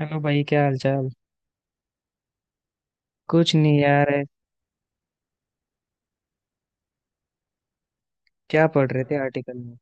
Hello भाई, क्या हाल चाल। कुछ नहीं यार है। क्या पढ़ रहे थे आर्टिकल में।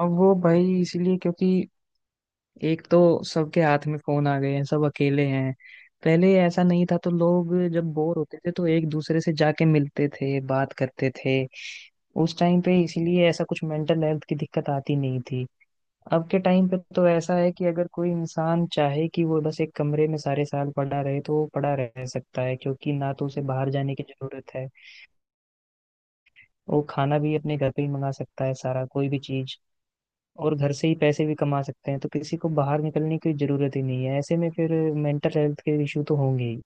अब वो भाई इसलिए क्योंकि एक तो सबके हाथ में फोन आ गए हैं, सब अकेले हैं। पहले ऐसा नहीं था तो लोग जब बोर होते थे तो एक दूसरे से जाके मिलते थे, बात करते थे। उस टाइम पे इसीलिए ऐसा कुछ मेंटल हेल्थ की दिक्कत आती नहीं थी। अब के टाइम पे तो ऐसा है कि अगर कोई इंसान चाहे कि वो बस एक कमरे में सारे साल पड़ा रहे तो वो पड़ा रह सकता है, क्योंकि ना तो उसे बाहर जाने की जरूरत है। वो खाना भी अपने घर पे ही मंगा सकता है सारा कोई भी चीज। और घर से ही पैसे भी कमा सकते हैं, तो किसी को बाहर निकलने की जरूरत ही नहीं है। ऐसे में फिर मेंटल हेल्थ के इशू तो होंगे ही।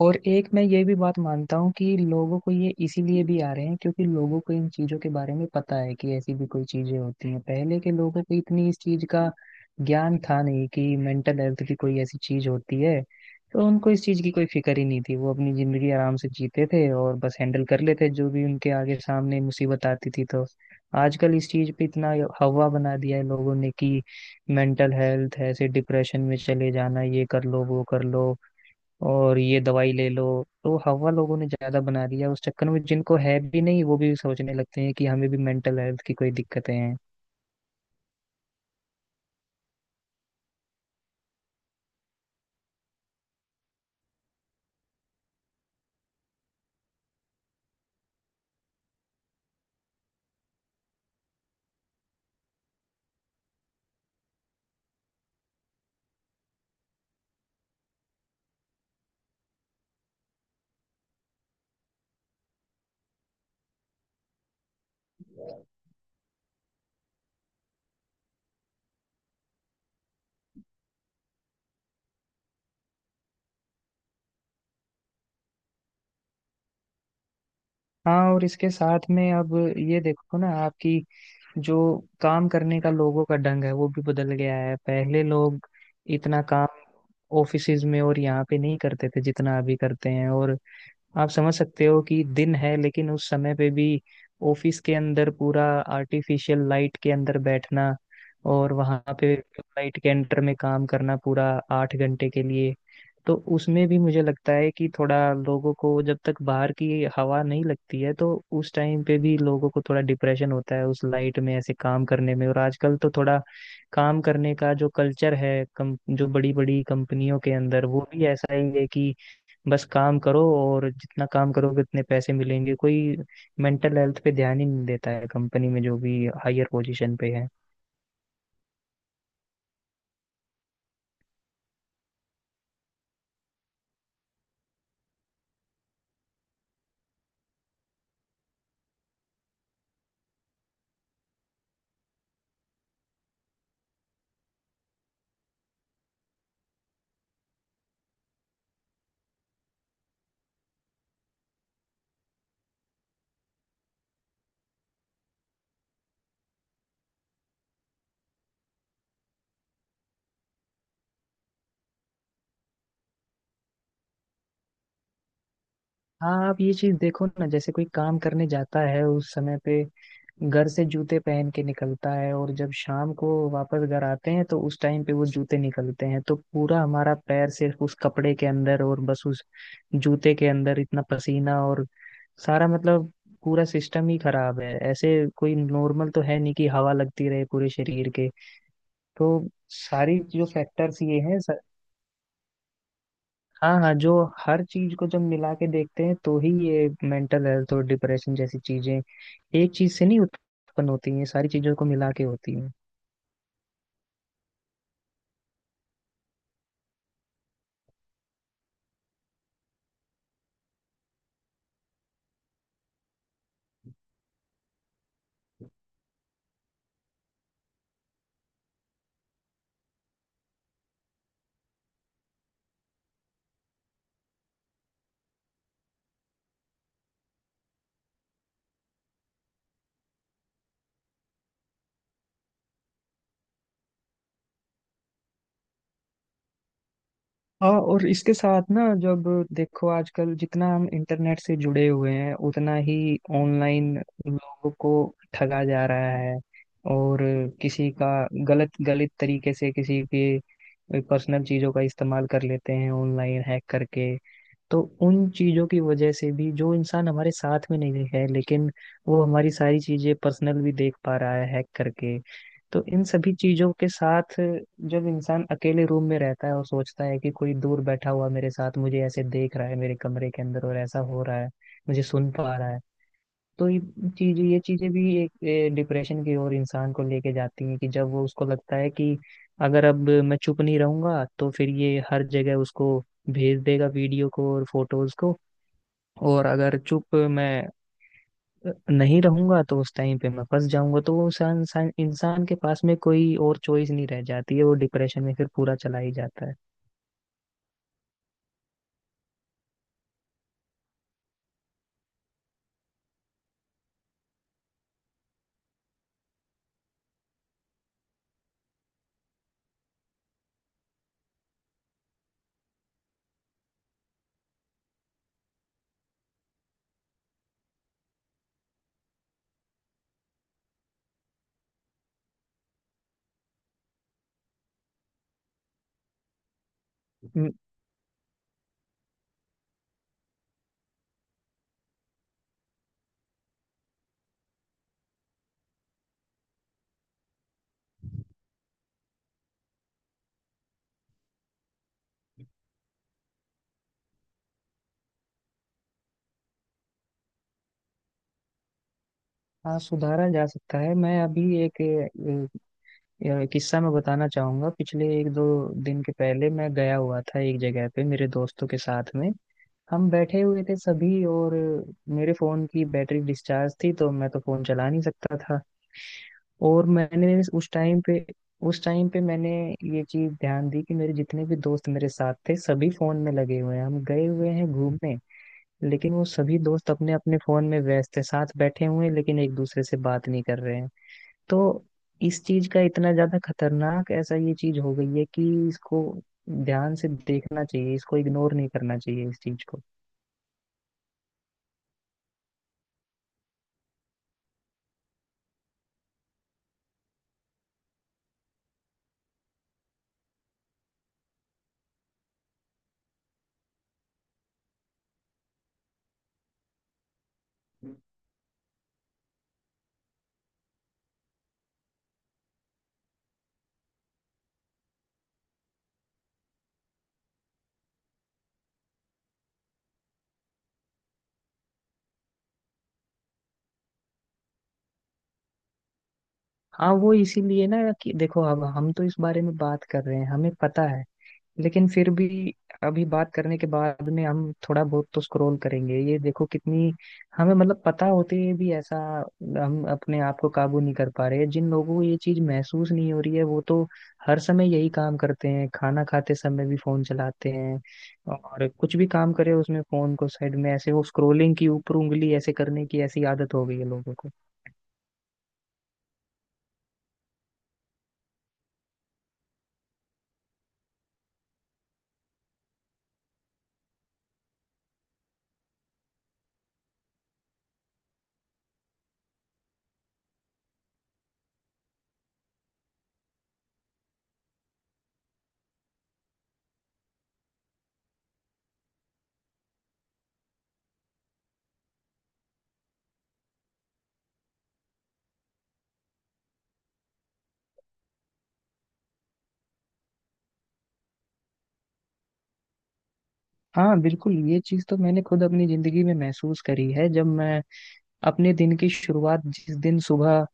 और एक मैं ये भी बात मानता हूँ कि लोगों को ये इसीलिए भी आ रहे हैं क्योंकि लोगों को इन चीजों के बारे में पता है कि ऐसी भी कोई चीजें होती हैं। पहले के लोगों को इतनी इस चीज का ज्ञान था नहीं कि मेंटल हेल्थ की कोई ऐसी चीज होती है। तो उनको इस चीज की कोई फिक्र ही नहीं थी, वो अपनी जिंदगी आराम से जीते थे और बस हैंडल कर लेते जो भी उनके आगे सामने मुसीबत आती थी। तो आजकल इस चीज पे इतना हवा बना दिया है लोगों ने कि मेंटल हेल्थ, ऐसे डिप्रेशन में चले जाना, ये कर लो वो कर लो और ये दवाई ले लो। तो हवा लोगों ने ज्यादा बना दिया उस चक्कर में, जिनको है भी नहीं वो भी सोचने लगते हैं कि हमें भी मेंटल हेल्थ की कोई दिक्कतें हैं। हाँ, और इसके साथ में अब ये देखो ना आपकी जो काम करने का लोगों का ढंग है वो भी बदल गया है। पहले लोग इतना काम ऑफिसेज में और यहाँ पे नहीं करते थे जितना अभी करते हैं। और आप समझ सकते हो कि दिन है, लेकिन उस समय पे भी ऑफिस के अंदर पूरा आर्टिफिशियल लाइट के अंदर बैठना और वहां पे लाइट के अंडर में काम करना, पूरा आठ घंटे के लिए। तो उसमें भी मुझे लगता है कि थोड़ा लोगों को जब तक बाहर की हवा नहीं लगती है तो उस टाइम पे भी लोगों को थोड़ा डिप्रेशन होता है उस लाइट में ऐसे काम करने में। और आजकल तो थोड़ा काम करने का जो कल्चर है कम, जो बड़ी बड़ी कंपनियों के अंदर, वो भी ऐसा ही है कि बस काम करो और जितना काम करोगे उतने पैसे मिलेंगे। कोई मेंटल हेल्थ पे ध्यान ही नहीं देता है कंपनी में जो भी हायर पोजीशन पे है। हाँ, आप ये चीज देखो ना जैसे कोई काम करने जाता है उस समय पे घर से जूते पहन के निकलता है, और जब शाम को वापस घर आते हैं तो उस टाइम पे वो जूते निकलते हैं। तो पूरा हमारा पैर सिर्फ उस कपड़े के अंदर और बस उस जूते के अंदर, इतना पसीना और सारा, मतलब पूरा सिस्टम ही खराब है ऐसे। कोई नॉर्मल तो है नहीं कि हवा लगती रहे पूरे शरीर के। तो सारी जो फैक्टर्स ये हैं स- हाँ हाँ, जो हर चीज को जब मिला के देखते हैं तो ही ये मेंटल हेल्थ और डिप्रेशन जैसी चीजें एक चीज से नहीं उत्पन्न होती हैं, ये सारी चीजों को मिला के होती हैं। हाँ, और इसके साथ ना जब देखो आजकल जितना हम इंटरनेट से जुड़े हुए हैं उतना ही ऑनलाइन लोगों को ठगा जा रहा है। और किसी का गलत गलत तरीके से किसी के पर्सनल चीजों का इस्तेमाल कर लेते हैं ऑनलाइन हैक करके। तो उन चीजों की वजह से भी जो इंसान हमारे साथ में नहीं है, लेकिन वो हमारी सारी चीजें पर्सनल भी देख पा रहा है हैक करके। तो इन सभी चीजों के साथ जब इंसान अकेले रूम में रहता है और सोचता है कि कोई दूर बैठा हुआ मेरे साथ मुझे ऐसे देख रहा है मेरे कमरे के अंदर और ऐसा हो रहा है, मुझे सुन पा रहा है, तो ये चीजें भी एक डिप्रेशन की ओर इंसान को लेके जाती हैं। कि जब वो, उसको लगता है कि अगर अब मैं चुप नहीं रहूंगा तो फिर ये हर जगह उसको भेज देगा वीडियो को और फोटोज को, और अगर चुप मैं नहीं रहूंगा तो उस टाइम पे मैं फंस जाऊंगा, तो वो इंसान इंसान इंसान के पास में कोई और चॉइस नहीं रह जाती है, वो डिप्रेशन में फिर पूरा चला ही जाता है। हम्म। हाँ, सुधारा जा सकता है। मैं अभी एक यार किस्सा मैं बताना चाहूंगा। पिछले एक दो दिन के पहले मैं गया हुआ था एक जगह पे मेरे दोस्तों के साथ में। हम बैठे हुए थे सभी, और मेरे फोन की बैटरी डिस्चार्ज थी, तो मैं तो फोन चला नहीं सकता था। और मैंने उस टाइम पे मैंने ये चीज ध्यान दी कि मेरे जितने भी दोस्त मेरे साथ थे सभी फोन में लगे हुए हैं। हम गए हुए हैं घूमने, लेकिन वो सभी दोस्त अपने अपने फोन में व्यस्त थे, साथ बैठे हुए हैं लेकिन एक दूसरे से बात नहीं कर रहे हैं। तो इस चीज का इतना ज्यादा खतरनाक ऐसा ये चीज हो गई है कि इसको ध्यान से देखना चाहिए, इसको इग्नोर नहीं करना चाहिए इस चीज को। हाँ, वो इसीलिए ना कि देखो अब हम तो इस बारे में बात कर रहे हैं, हमें पता है, लेकिन फिर भी अभी बात करने के बाद में हम थोड़ा बहुत तो स्क्रॉल करेंगे। ये देखो कितनी, हमें मतलब पता होते हुए भी ऐसा हम अपने आप को काबू नहीं कर पा रहे हैं। जिन लोगों को ये चीज महसूस नहीं हो रही है वो तो हर समय यही काम करते हैं, खाना खाते समय भी फोन चलाते हैं, और कुछ भी काम करे उसमें फोन को साइड में ऐसे, वो स्क्रोलिंग की ऊपर उंगली ऐसे करने की ऐसी आदत हो गई है लोगों को। हाँ बिल्कुल, ये चीज तो मैंने खुद अपनी जिंदगी में महसूस करी है। जब मैं अपने दिन की शुरुआत जिस दिन सुबह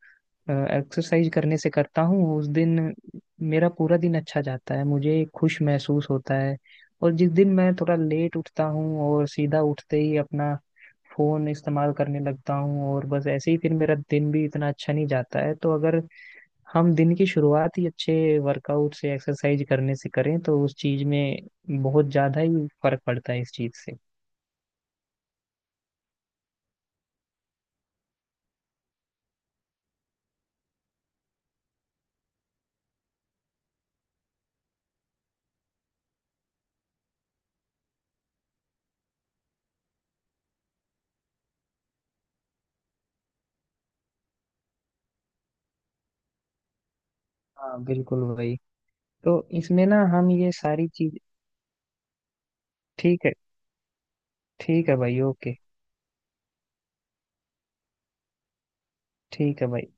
एक्सरसाइज करने से करता हूँ, उस दिन मेरा पूरा दिन अच्छा जाता है, मुझे खुश महसूस होता है। और जिस दिन मैं थोड़ा लेट उठता हूँ और सीधा उठते ही अपना फोन इस्तेमाल करने लगता हूँ और बस ऐसे ही, फिर मेरा दिन भी इतना अच्छा नहीं जाता है। तो अगर हम दिन की शुरुआत ही अच्छे वर्कआउट से, एक्सरसाइज करने से करें तो उस चीज में बहुत ज्यादा ही फर्क पड़ता है इस चीज से। हाँ बिल्कुल भाई। तो इसमें ना हम ये सारी चीज। ठीक है। ठीक है भाई, ओके। ठीक है भाई।